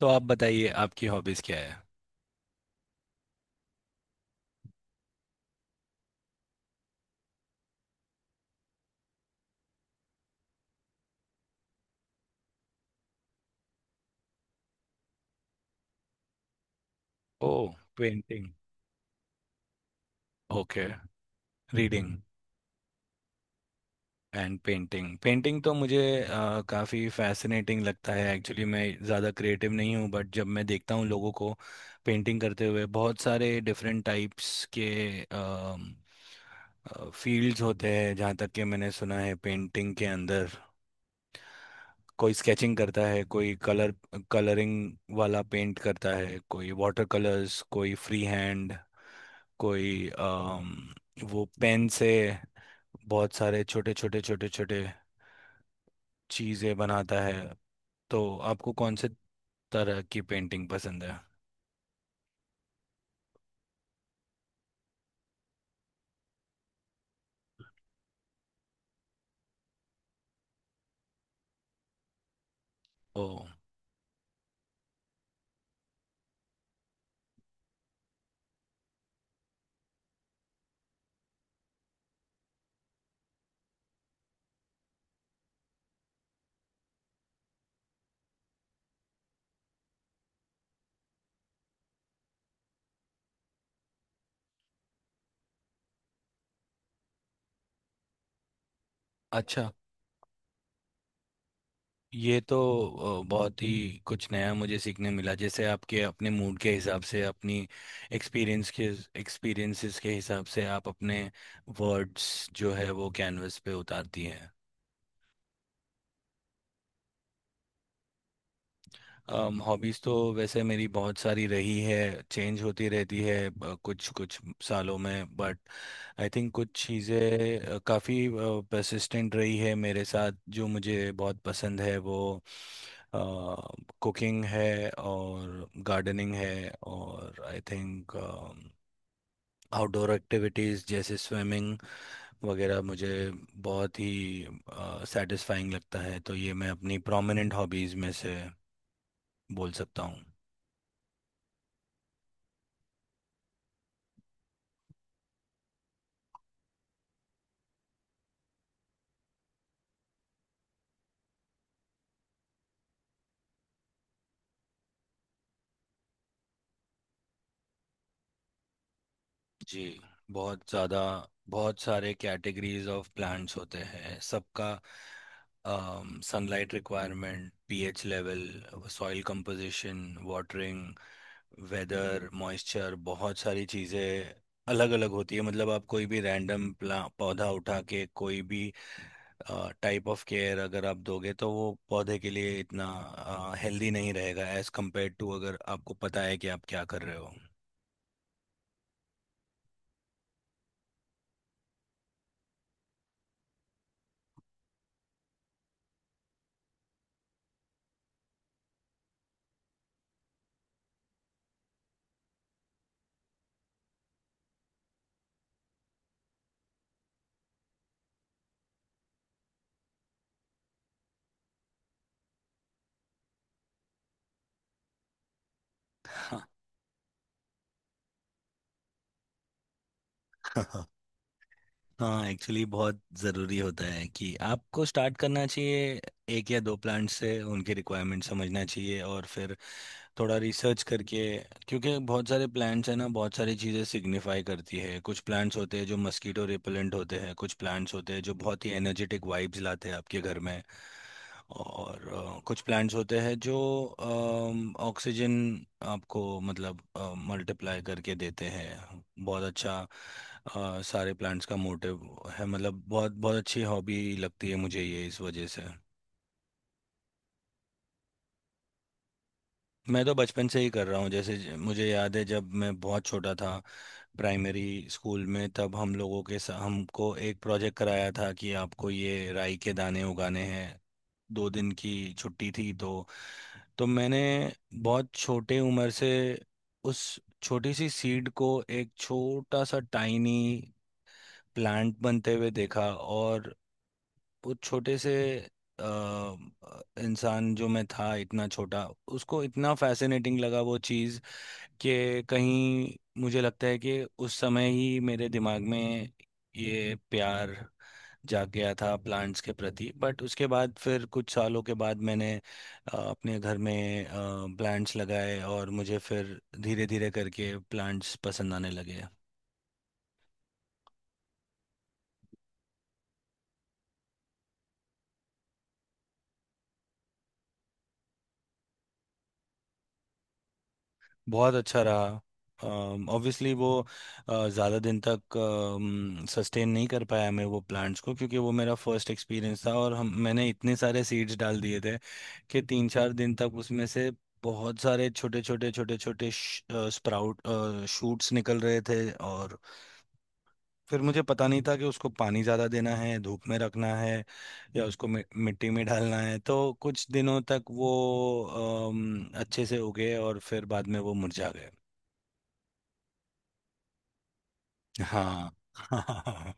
तो आप बताइए आपकी हॉबीज क्या है। ओ, painting, okay, reading and painting. Painting तो मुझे काफ़ी फैसिनेटिंग लगता है। एक्चुअली मैं ज़्यादा क्रिएटिव नहीं हूँ बट जब मैं देखता हूँ लोगों को पेंटिंग करते हुए, बहुत सारे डिफरेंट टाइप्स के फील्ड्स होते हैं, जहाँ तक कि मैंने सुना है पेंटिंग के अंदर कोई स्केचिंग करता है, कोई कलर कलरिंग वाला पेंट करता है, कोई वाटर कलर्स, कोई फ्री हैंड, कोई वो पेन से बहुत सारे छोटे छोटे छोटे छोटे चीज़ें बनाता है। तो आपको कौन से तरह की पेंटिंग पसंद है? ओ, अच्छा, ये तो बहुत ही कुछ नया मुझे सीखने मिला। जैसे आपके अपने मूड के हिसाब से, अपनी एक्सपीरियंस के एक्सपीरियंसेस के हिसाब से आप अपने वर्ड्स जो है वो कैनवस पे उतारती हैं। हॉबीज़ तो वैसे मेरी बहुत सारी रही है, चेंज होती रहती है कुछ कुछ सालों में, बट आई थिंक कुछ चीज़ें काफ़ी परसिस्टेंट रही है मेरे साथ। जो मुझे बहुत पसंद है वो कुकिंग है और गार्डनिंग है, और आई थिंक आउटडोर एक्टिविटीज़ जैसे स्विमिंग वगैरह मुझे बहुत ही सेटिस्फाइंग लगता है। तो ये मैं अपनी प्रोमिनेंट हॉबीज़ में से बोल सकता हूँ। जी, बहुत ज़्यादा। बहुत सारे कैटेगरीज ऑफ प्लांट्स होते हैं, सबका sunlight requirement, pH level, soil composition, watering, weather, moisture, बहुत सारी चीज़ें अलग अलग होती है। मतलब आप कोई भी रैंडम प्ला पौधा उठा के कोई भी टाइप ऑफ केयर अगर आप दोगे तो वो पौधे के लिए इतना हेल्दी नहीं रहेगा एज कंपेयर टू अगर आपको पता है कि आप क्या कर रहे हो। हाँ, एक्चुअली बहुत ज़रूरी होता है कि आपको स्टार्ट करना चाहिए एक या दो प्लांट से, उनकी रिक्वायरमेंट समझना चाहिए और फिर थोड़ा रिसर्च करके। क्योंकि बहुत सारे प्लांट्स हैं ना, बहुत सारी चीज़ें सिग्निफाई करती है। कुछ प्लांट्स होते हैं जो मस्कीटो रिपेलेंट होते हैं, कुछ प्लांट्स होते हैं जो बहुत ही एनर्जेटिक वाइब्स लाते हैं आपके घर में, और कुछ प्लांट्स होते हैं जो ऑक्सीजन आपको मतलब मल्टीप्लाई करके देते हैं। बहुत अच्छा सारे प्लांट्स का मोटिव है। मतलब बहुत बहुत अच्छी हॉबी लगती है मुझे ये इस वजह से। मैं तो बचपन से ही कर रहा हूँ। जैसे मुझे याद है जब मैं बहुत छोटा था, प्राइमरी स्कूल में, तब हम लोगों के हमको एक प्रोजेक्ट कराया था कि आपको ये राई के दाने उगाने हैं। दो दिन की छुट्टी थी तो मैंने बहुत छोटे उम्र से उस छोटी सी सीड को एक छोटा सा टाइनी प्लांट बनते हुए देखा, और उस छोटे से अ, इंसान जो मैं था, इतना छोटा, उसको इतना फैसिनेटिंग लगा वो चीज़, कि कहीं मुझे लगता है कि उस समय ही मेरे दिमाग में ये प्यार जाग गया था प्लांट्स के प्रति। बट उसके बाद फिर कुछ सालों के बाद मैंने अपने घर में प्लांट्स लगाए और मुझे फिर धीरे धीरे करके प्लांट्स पसंद आने लगे। बहुत अच्छा रहा। ऑब्वियसली वो ज़्यादा दिन तक सस्टेन नहीं कर पाया मैं वो प्लांट्स को, क्योंकि वो मेरा फर्स्ट एक्सपीरियंस था, और हम मैंने इतने सारे सीड्स डाल दिए थे कि तीन चार दिन तक उसमें से बहुत सारे छोटे छोटे छोटे छोटे स्प्राउट शूट्स निकल रहे थे। और फिर मुझे पता नहीं था कि उसको पानी ज़्यादा देना है, धूप में रखना है, या उसको मि मिट्टी में डालना है। तो कुछ दिनों तक वो अच्छे से उगे और फिर बाद में वो मुरझा गए। हाँ।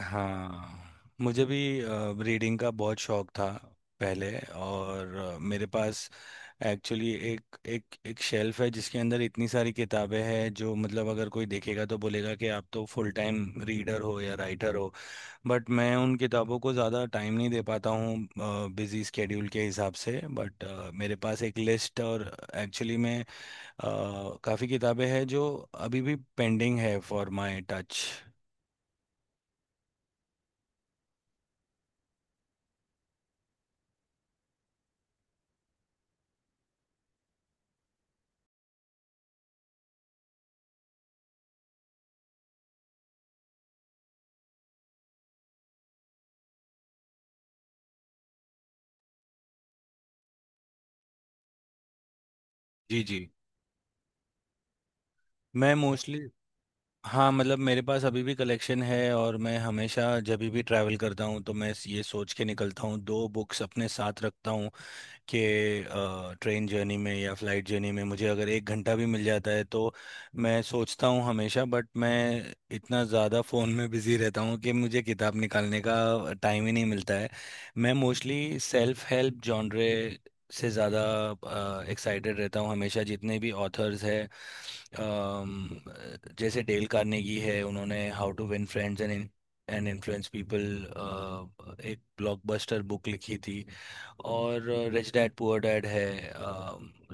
हाँ, मुझे भी रीडिंग का बहुत शौक था पहले, और मेरे पास एक्चुअली एक एक एक शेल्फ है जिसके अंदर इतनी सारी किताबें हैं जो मतलब अगर कोई देखेगा तो बोलेगा कि आप तो फुल टाइम रीडर हो या राइटर हो। बट मैं उन किताबों को ज़्यादा टाइम नहीं दे पाता हूँ बिजी स्केड्यूल के हिसाब से। बट मेरे पास एक लिस्ट और एक्चुअली मैं काफ़ी किताबें हैं जो अभी भी पेंडिंग है फॉर माई टच। जी जी, मैं मोस्टली, हाँ मतलब मेरे पास अभी भी कलेक्शन है, और मैं हमेशा जब भी ट्रैवल करता हूँ तो मैं ये सोच के निकलता हूँ, दो बुक्स अपने साथ रखता हूँ कि ट्रेन जर्नी में या फ्लाइट जर्नी में मुझे अगर एक घंटा भी मिल जाता है तो, मैं सोचता हूँ हमेशा। बट मैं इतना ज़्यादा फ़ोन में बिज़ी रहता हूँ कि मुझे किताब निकालने का टाइम ही नहीं मिलता है। मैं मोस्टली सेल्फ हेल्प जॉनरे से ज़्यादा एक्साइटेड रहता हूँ हमेशा। जितने भी ऑथर्स हैं, अम, जैसे डेल कार्नेगी है, उन्होंने how to win friends and and influence people एक ब्लॉकबस्टर बुक लिखी थी। और रिच डैड पुअर डैड है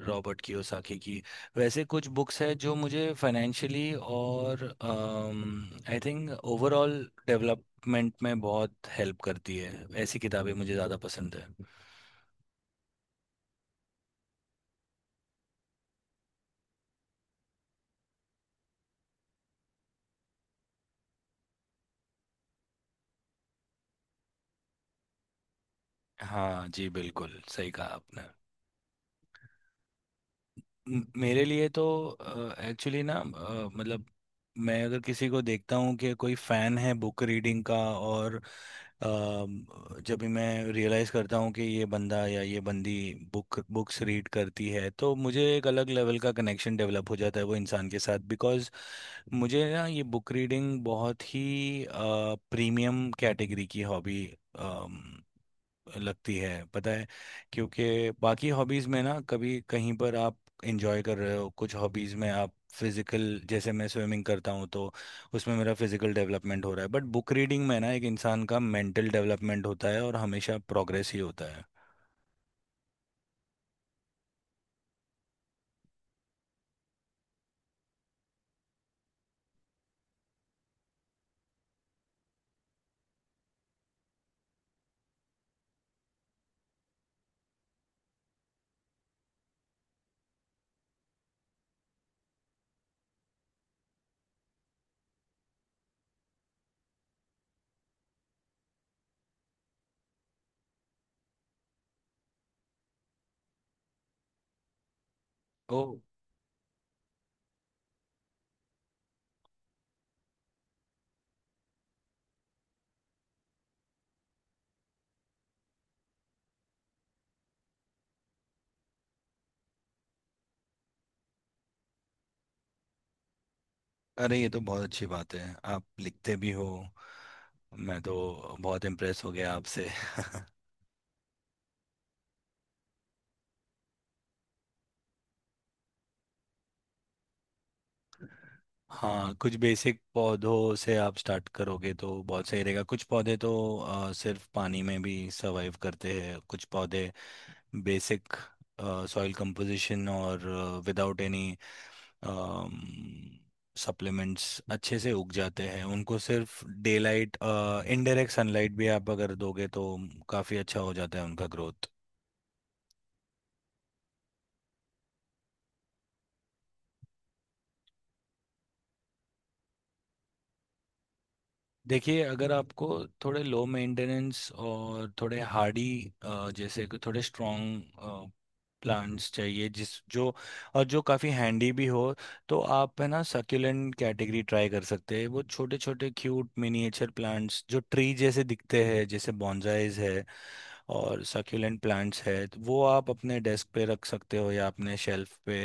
रॉबर्ट कियोसाकी की। वैसे कुछ बुक्स हैं जो मुझे फाइनेंशियली और आई थिंक ओवरऑल डेवलपमेंट में बहुत हेल्प करती है, ऐसी किताबें मुझे ज़्यादा पसंद है। हाँ जी, बिल्कुल सही कहा आपने। मेरे लिए तो एक्चुअली ना मतलब मैं अगर किसी को देखता हूँ कि कोई फैन है बुक रीडिंग का, और जब भी मैं रियलाइज़ करता हूँ कि ये बंदा या ये बंदी बुक्स रीड करती है, तो मुझे एक अलग लेवल का कनेक्शन डेवलप हो जाता है वो इंसान के साथ। बिकॉज़ मुझे ना ये बुक रीडिंग बहुत ही प्रीमियम कैटेगरी की हॉबी लगती है, पता है? क्योंकि बाकी हॉबीज़ में ना कभी कहीं पर आप इंजॉय कर रहे हो, कुछ हॉबीज़ में आप फिजिकल, जैसे मैं स्विमिंग करता हूँ तो उसमें मेरा फिजिकल डेवलपमेंट हो रहा है, बट बुक रीडिंग में ना एक इंसान का मेंटल डेवलपमेंट होता है और हमेशा प्रोग्रेस ही होता है। ओ, अरे, ये तो बहुत अच्छी बात है, आप लिखते भी हो। मैं तो बहुत इम्प्रेस हो गया आपसे। हाँ, कुछ बेसिक पौधों से आप स्टार्ट करोगे तो बहुत सही रहेगा। कुछ पौधे तो सिर्फ पानी में भी सर्वाइव करते हैं। कुछ पौधे बेसिक सॉइल कंपोजिशन और विदाउट एनी सप्लीमेंट्स अच्छे से उग जाते हैं, उनको सिर्फ डे लाइट, इनडायरेक्ट सनलाइट भी आप अगर दोगे तो काफ़ी अच्छा हो जाता है उनका ग्रोथ। देखिए, अगर आपको थोड़े लो मेंटेनेंस और थोड़े हार्डी, जैसे कि थोड़े स्ट्रॉन्ग प्लांट्स चाहिए जिस जो, और जो काफ़ी हैंडी भी हो, तो आप है ना सक्यूलेंट कैटेगरी ट्राई कर सकते हैं। वो छोटे छोटे क्यूट मिनिएचर प्लांट्स जो ट्री जैसे दिखते हैं, जैसे बॉन्जाइज है और सक्यूलेंट प्लांट्स है, तो वो आप अपने डेस्क पे रख सकते हो, या अपने शेल्फ पे,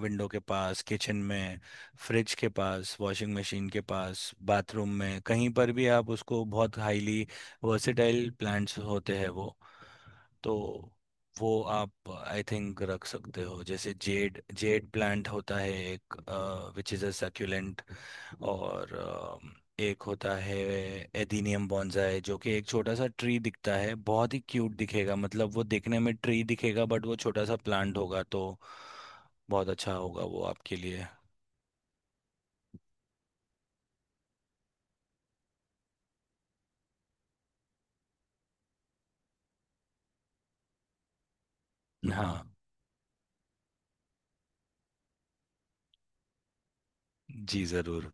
विंडो के पास, किचन में, फ्रिज के पास, वॉशिंग मशीन के पास, बाथरूम में कहीं पर भी आप उसको, बहुत हाईली वर्सेटाइल प्लांट्स होते हैं वो। तो वो आप आई थिंक रख सकते हो, जैसे जेड जेड प्लांट होता है एक, विच इज़ अ सक्यूलेंट। और एक होता है एदीनियम बॉन्जाई, जो कि एक छोटा सा ट्री दिखता है, बहुत ही क्यूट दिखेगा, मतलब वो देखने में ट्री दिखेगा बट वो छोटा सा प्लांट होगा, तो बहुत अच्छा होगा वो आपके लिए। हाँ जी, जरूर।